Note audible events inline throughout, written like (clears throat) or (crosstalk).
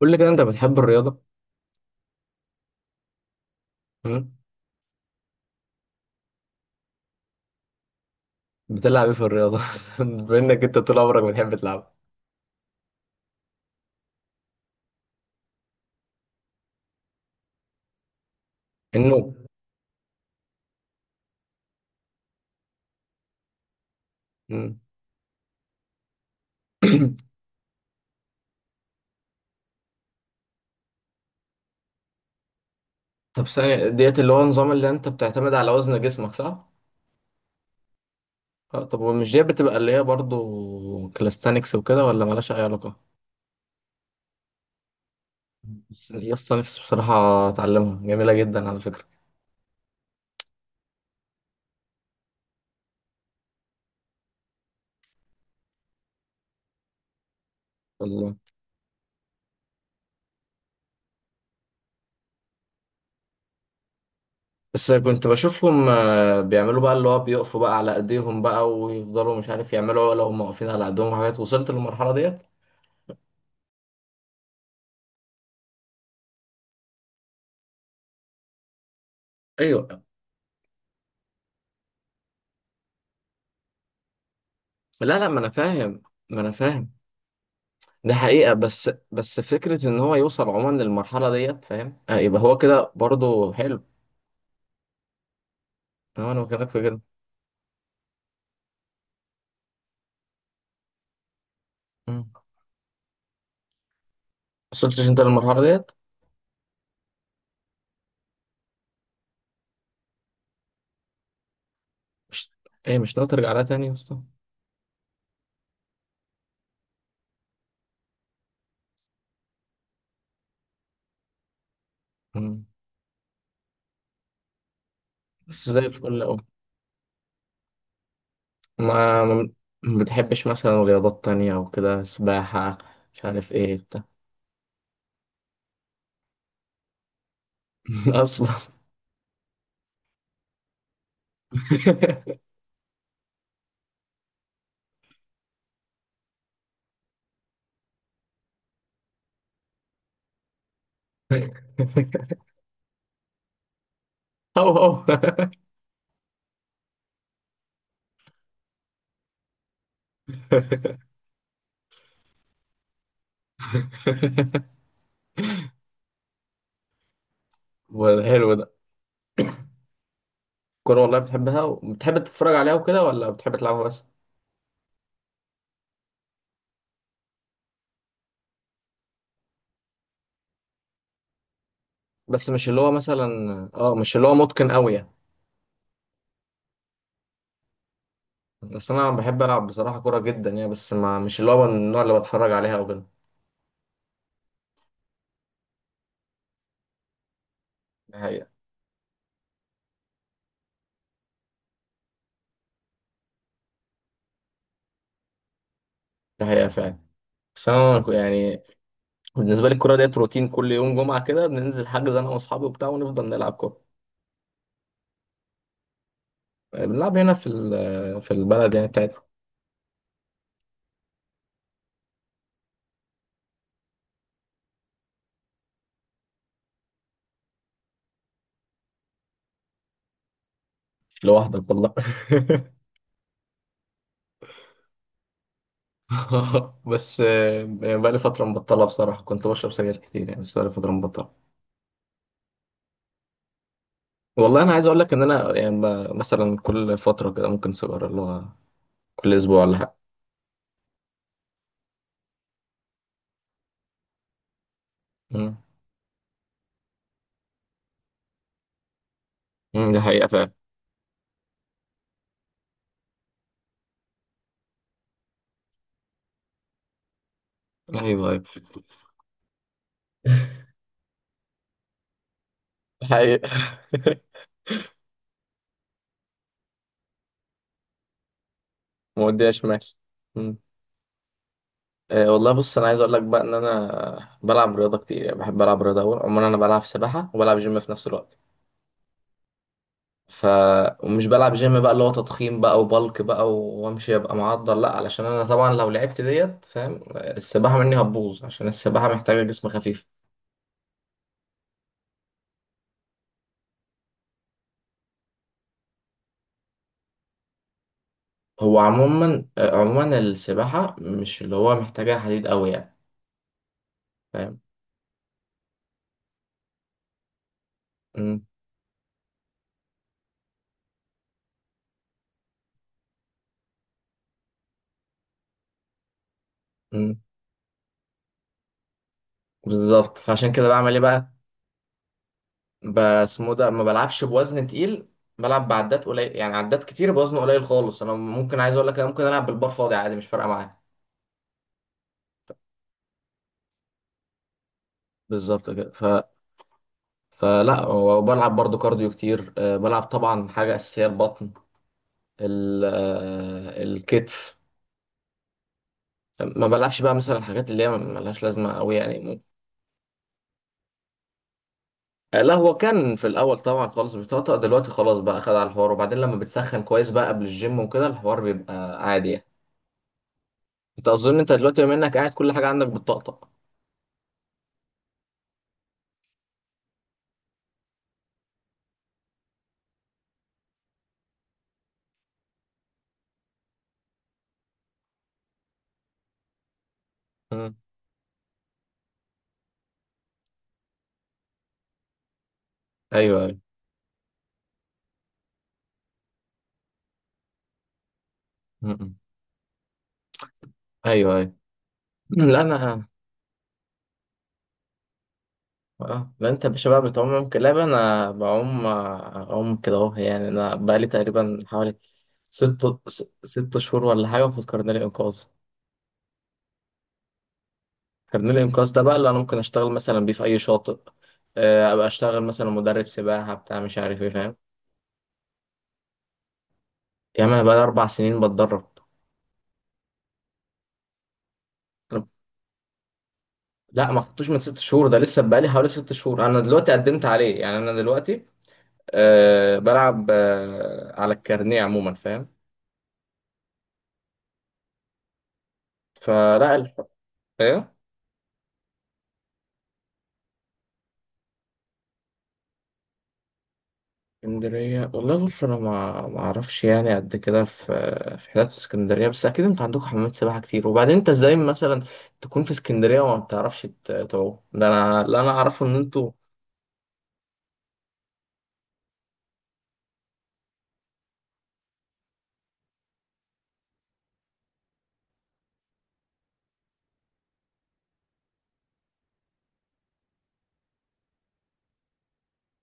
قول لي كده انت بتحب الرياضه مم؟ بتلعب ايه في الرياضه؟ (laughs) بما انك انت طول عمرك بتحب تلعب النوم. مم. (clears throat) طب ثانية ديت اللي هو النظام اللي انت بتعتمد على وزن جسمك، صح؟ اه طب ومش ديت بتبقى اللي هي برضو كلاستانكس وكده، ولا مالهاش اي علاقة؟ بس يا اسطى نفسي بصراحة اتعلمها، جميلة جدا على فكرة. والله بس كنت بشوفهم آه، بيعملوا بقى اللي هو بيقفوا بقى على ايديهم بقى ويفضلوا مش عارف يعملوا عقلة وهم واقفين على ايديهم وحاجات، وصلت للمرحلة ديت؟ ايوه. لا ما انا فاهم، ما انا فاهم. ده حقيقة، بس فكرة إن هو يوصل عموما للمرحلة ديت فاهم آه، يبقى هو كده برضه حلو. أنا بكلمك في كده. مم. وصلتش أنت للمرحلة ديت؟ مش، إيه مش ناوي ترجع لها تاني يا اسطى؟ مم. بس زي الفل أوي. ما ما ما بتحبش مثلا رياضات تانية أو كده، سباحة، مش عارف إيه بتاع. (laughs) أصلا. (laughs) أو أو. (laughs) ولا حلو ده. كورة والله بتحبها وبتحب تتفرج عليها وكده، ولا بتحب تلعبها بس؟ بس مش اللي هو مثلا اه، مش اللي هو متقن قوي يعني. بس انا بحب العب بصراحه كوره جدا يعني، بس ما مش اللي هو من النوع اللي بتفرج عليها او كده. ده حقيقه، ده حقيقه فعلا. بس انا يعني بالنسبه لي الكوره ديت روتين، كل يوم جمعه كده بننزل حجز انا واصحابي وبتاع ونفضل نلعب كوره. بنلعب هنا في في البلد يعني بتاعتنا. لوحدك والله؟ (laughs) بس آه، بقالي فتره مبطله بصراحه، كنت بشرب سجاير كتير يعني، بس بقالي فتره مبطله. والله انا عايز اقول لك ان انا يعني مثلا كل فتره كده ممكن سيجاره اللي هو كل اسبوع ولا حاجه. مم. مم، دي حقيقه فعلا. ايوه ايوه. حقيقه. (laughs) موديها شمال. مم. أه والله بص انا عايز اقول لك بقى ان انا بلعب رياضه كتير يعني، بحب العب رياضه قوي عموما. انا بلعب سباحه وبلعب جيم في نفس الوقت. ف ومش بلعب جيم بقى اللي هو تضخيم بقى وبلك بقى وامشي ابقى معضل، لا علشان انا طبعا لو لعبت ديت فاهم آه، السباحه مني هتبوظ عشان السباحه محتاجه جسم خفيف. هو عموما آه، عموما السباحه مش اللي هو محتاجه حديد قوي يعني. فاهم. مم. بالظبط، فعشان كده بعمل ايه بقى، بسمو ده ما بلعبش بوزن تقيل. بلعب بعدات قليل، يعني عدات كتير بوزن قليل خالص. انا ممكن عايز اقول لك انا ممكن العب بالبار فاضي عادي، مش فارقه معايا. بالظبط كده ف... فلا، وبلعب برضو كارديو كتير أه، بلعب طبعا حاجه اساسيه البطن، ال... أه، الكتف. ما بلعبش بقى مثلا الحاجات اللي هي ملهاش لازمه قوي يعني أه، لا هو كان في الاول طبعا خالص بيطقطق، دلوقتي خلاص بقى خد على الحوار، وبعدين لما بتسخن كويس بقى قبل الجيم وكده الحوار بيبقى عادي يعني. انت اظن انت دلوقتي بما انك قاعد كل حاجه عندك بتطقطق. مم. ايوه ايوه. مم. ايوه ايوه. مم. لا انا، اه لا انت يا باشا بقى بتعوم كلاب، انا بعوم آه، اعوم كده اهو يعني. انا بقالي تقريبا حوالي ست ست شهور ولا حاجه في كارنيه الانقاذ. كارنيه الانقاذ ده بقى اللي انا ممكن اشتغل مثلا بيه في اي شاطئ آه، ابقى اشتغل مثلا مدرب سباحه بتاع مش عارف ايه فاهم. يا عم انا بقالي اربع سنين بتدرب. أنا- لا ما خدتوش من ست شهور، ده لسه بقالي حوالي ست شهور انا دلوقتي قدمت عليه يعني انا دلوقتي أه بلعب أه على الكارنيه عموما فاهم. فلا الح... ايه؟ اسكندرية والله بص انا ما اعرفش يعني قد كده، في في حتت في اسكندرية، بس اكيد انت عندك حمامات سباحة كتير. وبعدين انت ازاي مثلا تكون في اسكندرية وما بتعرفش تعوم؟ ده انا اللي انا اعرفه ان انتوا،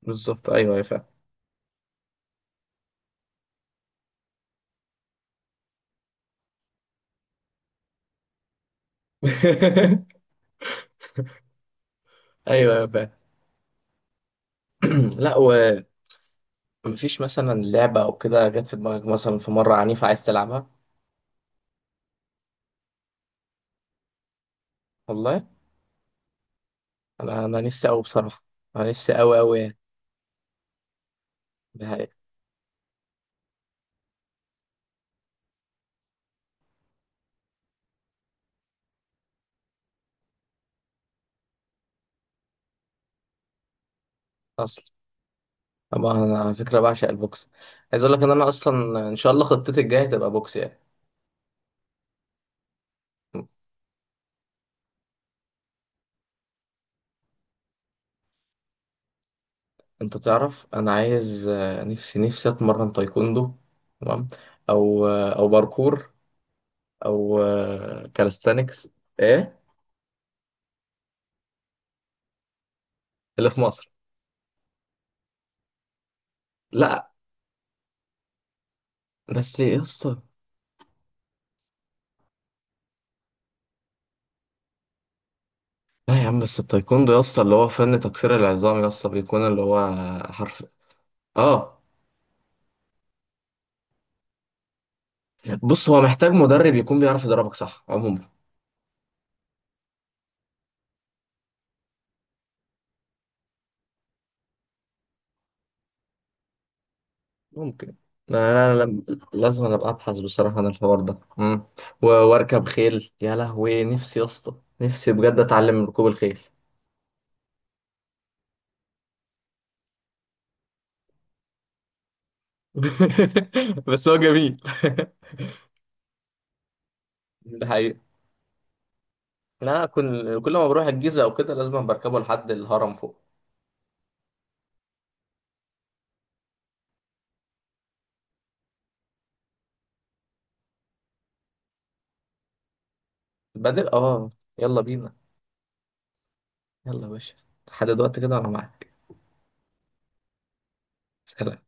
بالظبط ايوه يا فاهم. (laughs) ايوه يا فاهم. (clears throat) لا، ومفيش مثلا لعبة او كده جت في دماغك مثلا في مرة عنيفة عايز تلعبها؟ والله انا نفسي قوي بصراحة، انا نفسي قوي قوي يعني. ده حقيقة. طبعا انا على فكره بعشق البوكس، عايز اقول لك ان انا اصلا ان شاء الله خطتي الجايه تبقى بوكس يعني. انت تعرف انا عايز آه، نفسي نفسي اتمرن تايكوندو، تمام، او آه، او باركور، او آه، كاليستانكس. ايه اللي في مصر؟ لا بس يا اسطى، لا يا عم بس التايكوندو يا اسطى اللي هو فن تكسير العظام، يا اسطى بيكون اللي هو حرف. اه بص هو محتاج مدرب يكون بيعرف يضربك صح عموما. ممكن انا أنا لم- لازم أنا ابقى ابحث بصراحه عن الحوار ده. مم. واركب خيل يا لهوي، نفسي يا اسطى نفسي بجد اتعلم ركوب الخيل. (laughs) بس هو جميل. (laughs) ده حقيقي. لا، كل كل ما بروح الجيزه او كده لازم بركبه لحد الهرم فوق. بدل، اه. يلا بينا. يلا يا باشا. لحد دلوقتي كده انا معاك. سلام.